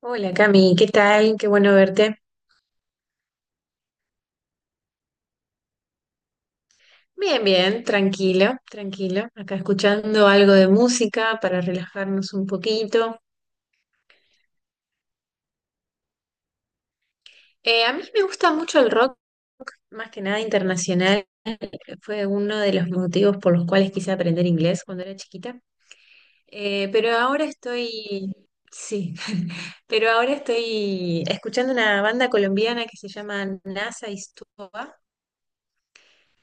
Hola Cami, ¿qué tal? Qué bueno verte. Bien, bien, tranquilo, tranquilo. Acá escuchando algo de música para relajarnos un poquito. A mí me gusta mucho el rock, más que nada internacional. Fue uno de los motivos por los cuales quise aprender inglés cuando era chiquita. Eh, pero ahora estoy, sí, pero ahora estoy escuchando una banda colombiana que se llama NASA y Stupa,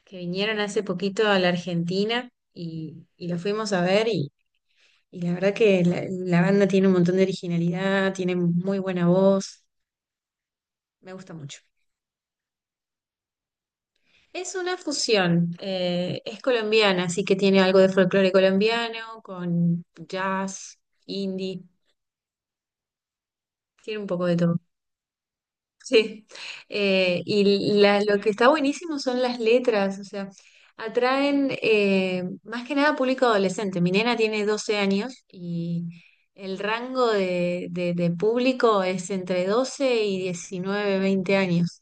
que vinieron hace poquito a la Argentina y los fuimos a ver. Y la verdad que la banda tiene un montón de originalidad, tiene muy buena voz, me gusta mucho. Es una fusión, es colombiana, así que tiene algo de folclore colombiano con jazz, indie, tiene un poco de todo. Sí, lo que está buenísimo son las letras, o sea, atraen, más que nada público adolescente. Mi nena tiene 12 años y el rango de público es entre 12 y 19 20 años.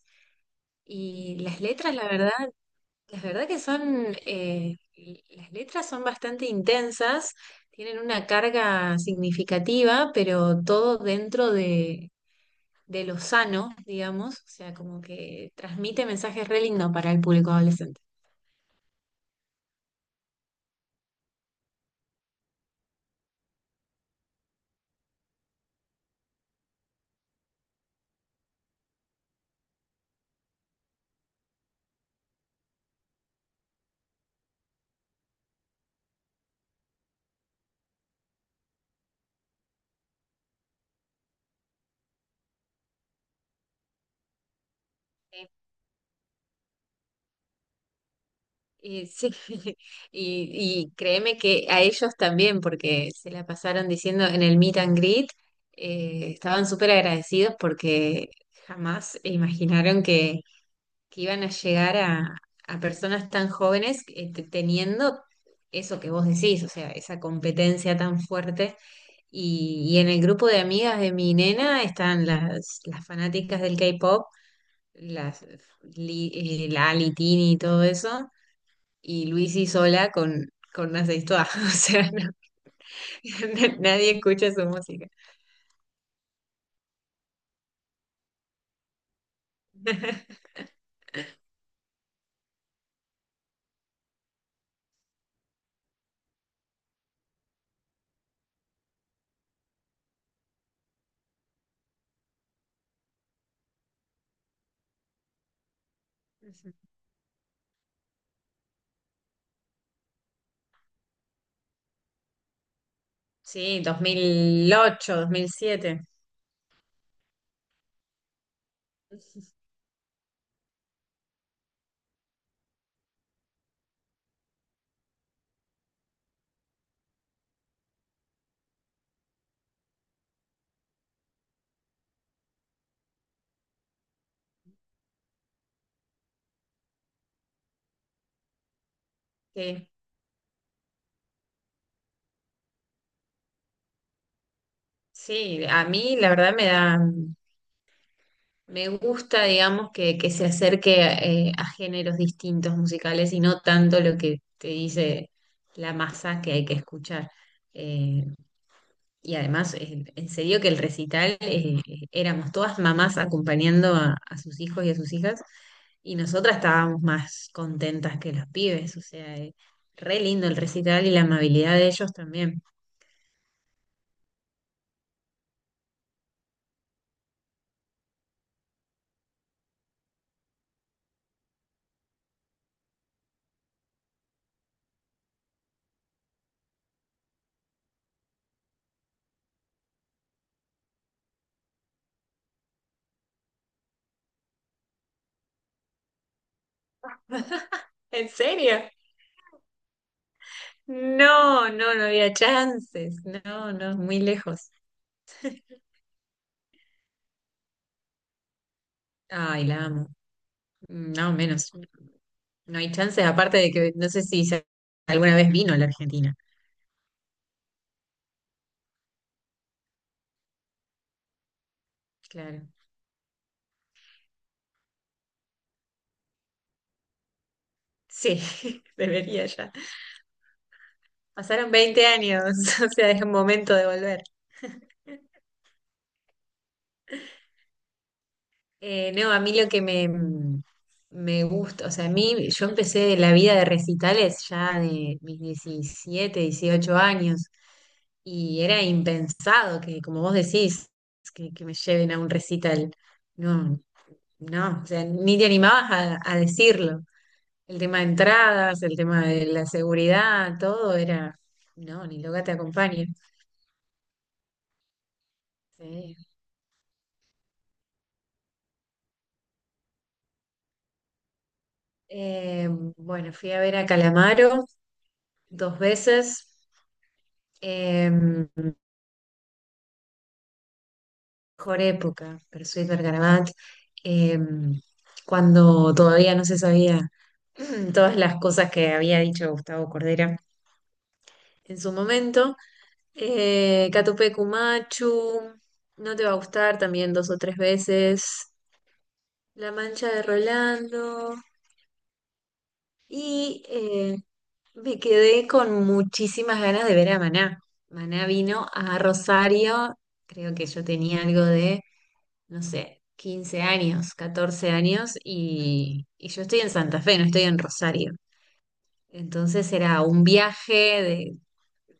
Y las letras, la verdad, las letras son bastante intensas, tienen una carga significativa, pero todo dentro de lo sano, digamos, o sea, como que transmite mensajes re lindos para el público adolescente. Sí. Y sí, y créeme que a ellos también, porque se la pasaron diciendo en el meet and greet, estaban súper agradecidos porque jamás imaginaron que iban a llegar a personas tan jóvenes, teniendo eso que vos decís, o sea, esa competencia tan fuerte. Y en el grupo de amigas de mi nena están las fanáticas del K-pop, las Li- Lali, Tini y todo eso, y Luisi sola con una sextuá. O sea, nadie escucha su música. Sí, dos mil ocho 2007. Sí. Sí, a mí la verdad me gusta, digamos, que se acerque, a géneros distintos musicales y no tanto lo que te dice la masa que hay que escuchar. Eh, y además, en serio que el recital, éramos todas mamás acompañando a sus hijos y a sus hijas, y nosotras estábamos más contentas que los pibes, o sea, re lindo el recital y la amabilidad de ellos también. ¿En serio? No, no, no había chances. No, no, muy lejos. Ay, la amo. No, menos. No hay chances, aparte de que no sé si alguna vez vino a la Argentina. Claro. Sí, debería ya. Pasaron 20 años, o sea, es un momento de volver. No, a mí lo que me gusta, o sea, a mí yo empecé la vida de recitales ya de mis 17 18 años y era impensado que, como vos decís, que me lleven a un recital. No, no, o sea, ni te animabas a decirlo. El tema de entradas, el tema de la seguridad, todo era, no, ni loca te acompaña. Sí. Eh, bueno, fui a ver a Calamaro dos veces. Em, Mejor época, per Sweet Bergarabat, em, cuando todavía no se sabía todas las cosas que había dicho Gustavo Cordera en su momento. Catupecu Machu, No te va a gustar también dos o tres veces. La Mancha de Rolando. Y, me quedé con muchísimas ganas de ver a Maná. Maná vino a Rosario, creo que yo tenía algo de, no sé, 15 años, 14 años, y yo estoy en Santa Fe, no estoy en Rosario. Entonces era un viaje de.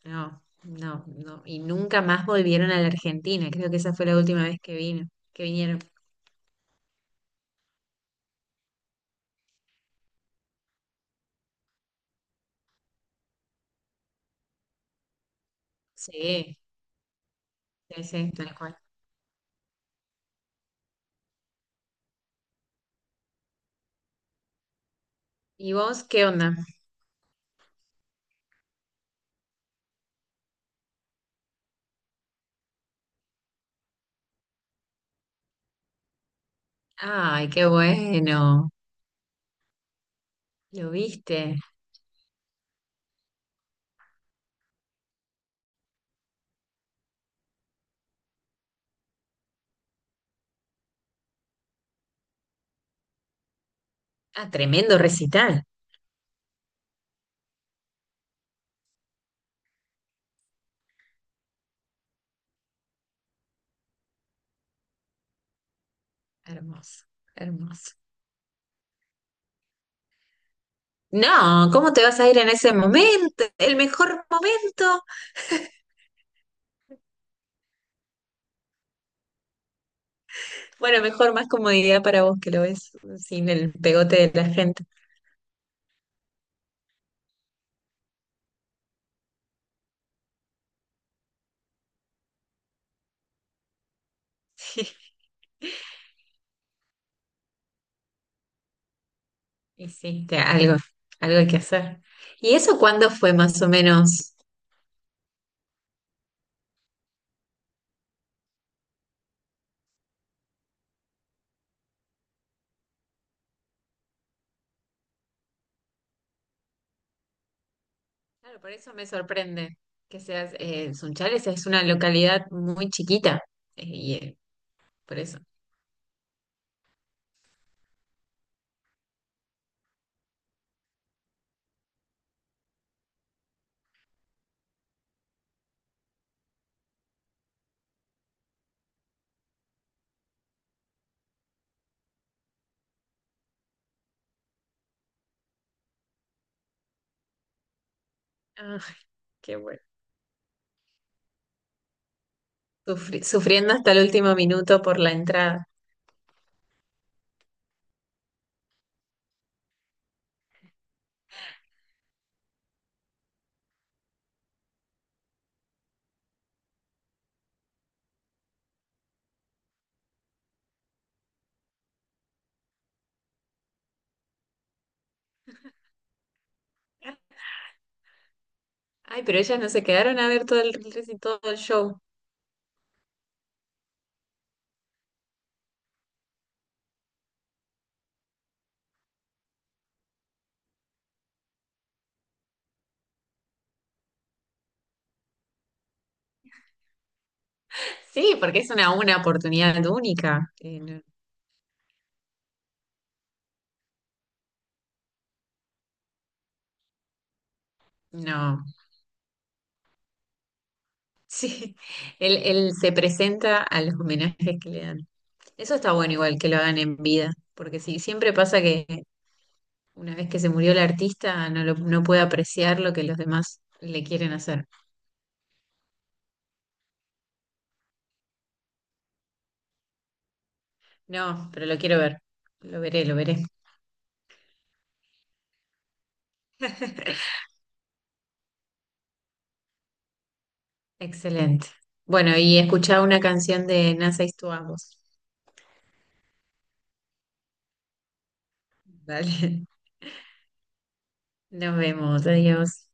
No, no, no. Y nunca más volvieron a la Argentina. Creo que esa fue la última vez que vino, que vinieron. Sí, sí, sí, tal cual. ¿Y vos qué onda? Ay, qué bueno. ¿Lo viste? Ah, tremendo recital. Hermoso, hermoso. No, ¿cómo te vas a ir en ese momento? El mejor momento. Bueno, mejor más comodidad para vos que lo ves sin el pegote de la gente. Hiciste algo, algo hay que hacer. ¿Y eso cuándo fue más o menos? Claro, por eso me sorprende que seas, Sunchales es una localidad muy chiquita, eh, y eh, por eso. Ah, qué bueno. Sufriendo hasta el último minuto por la entrada. Ay, pero ellas no se quedaron a ver todo el show. Sí, porque es una oportunidad única. No, no. Sí, él se presenta a los homenajes que le dan. Eso está bueno igual que lo hagan en vida, porque sí, siempre pasa que una vez que se murió el artista no, no puede apreciar lo que los demás le quieren hacer. No, pero lo quiero ver, lo veré, lo veré. Excelente. Bueno, y escuchá una canción de Nasa Istuamos. Dale, nos vemos, adiós.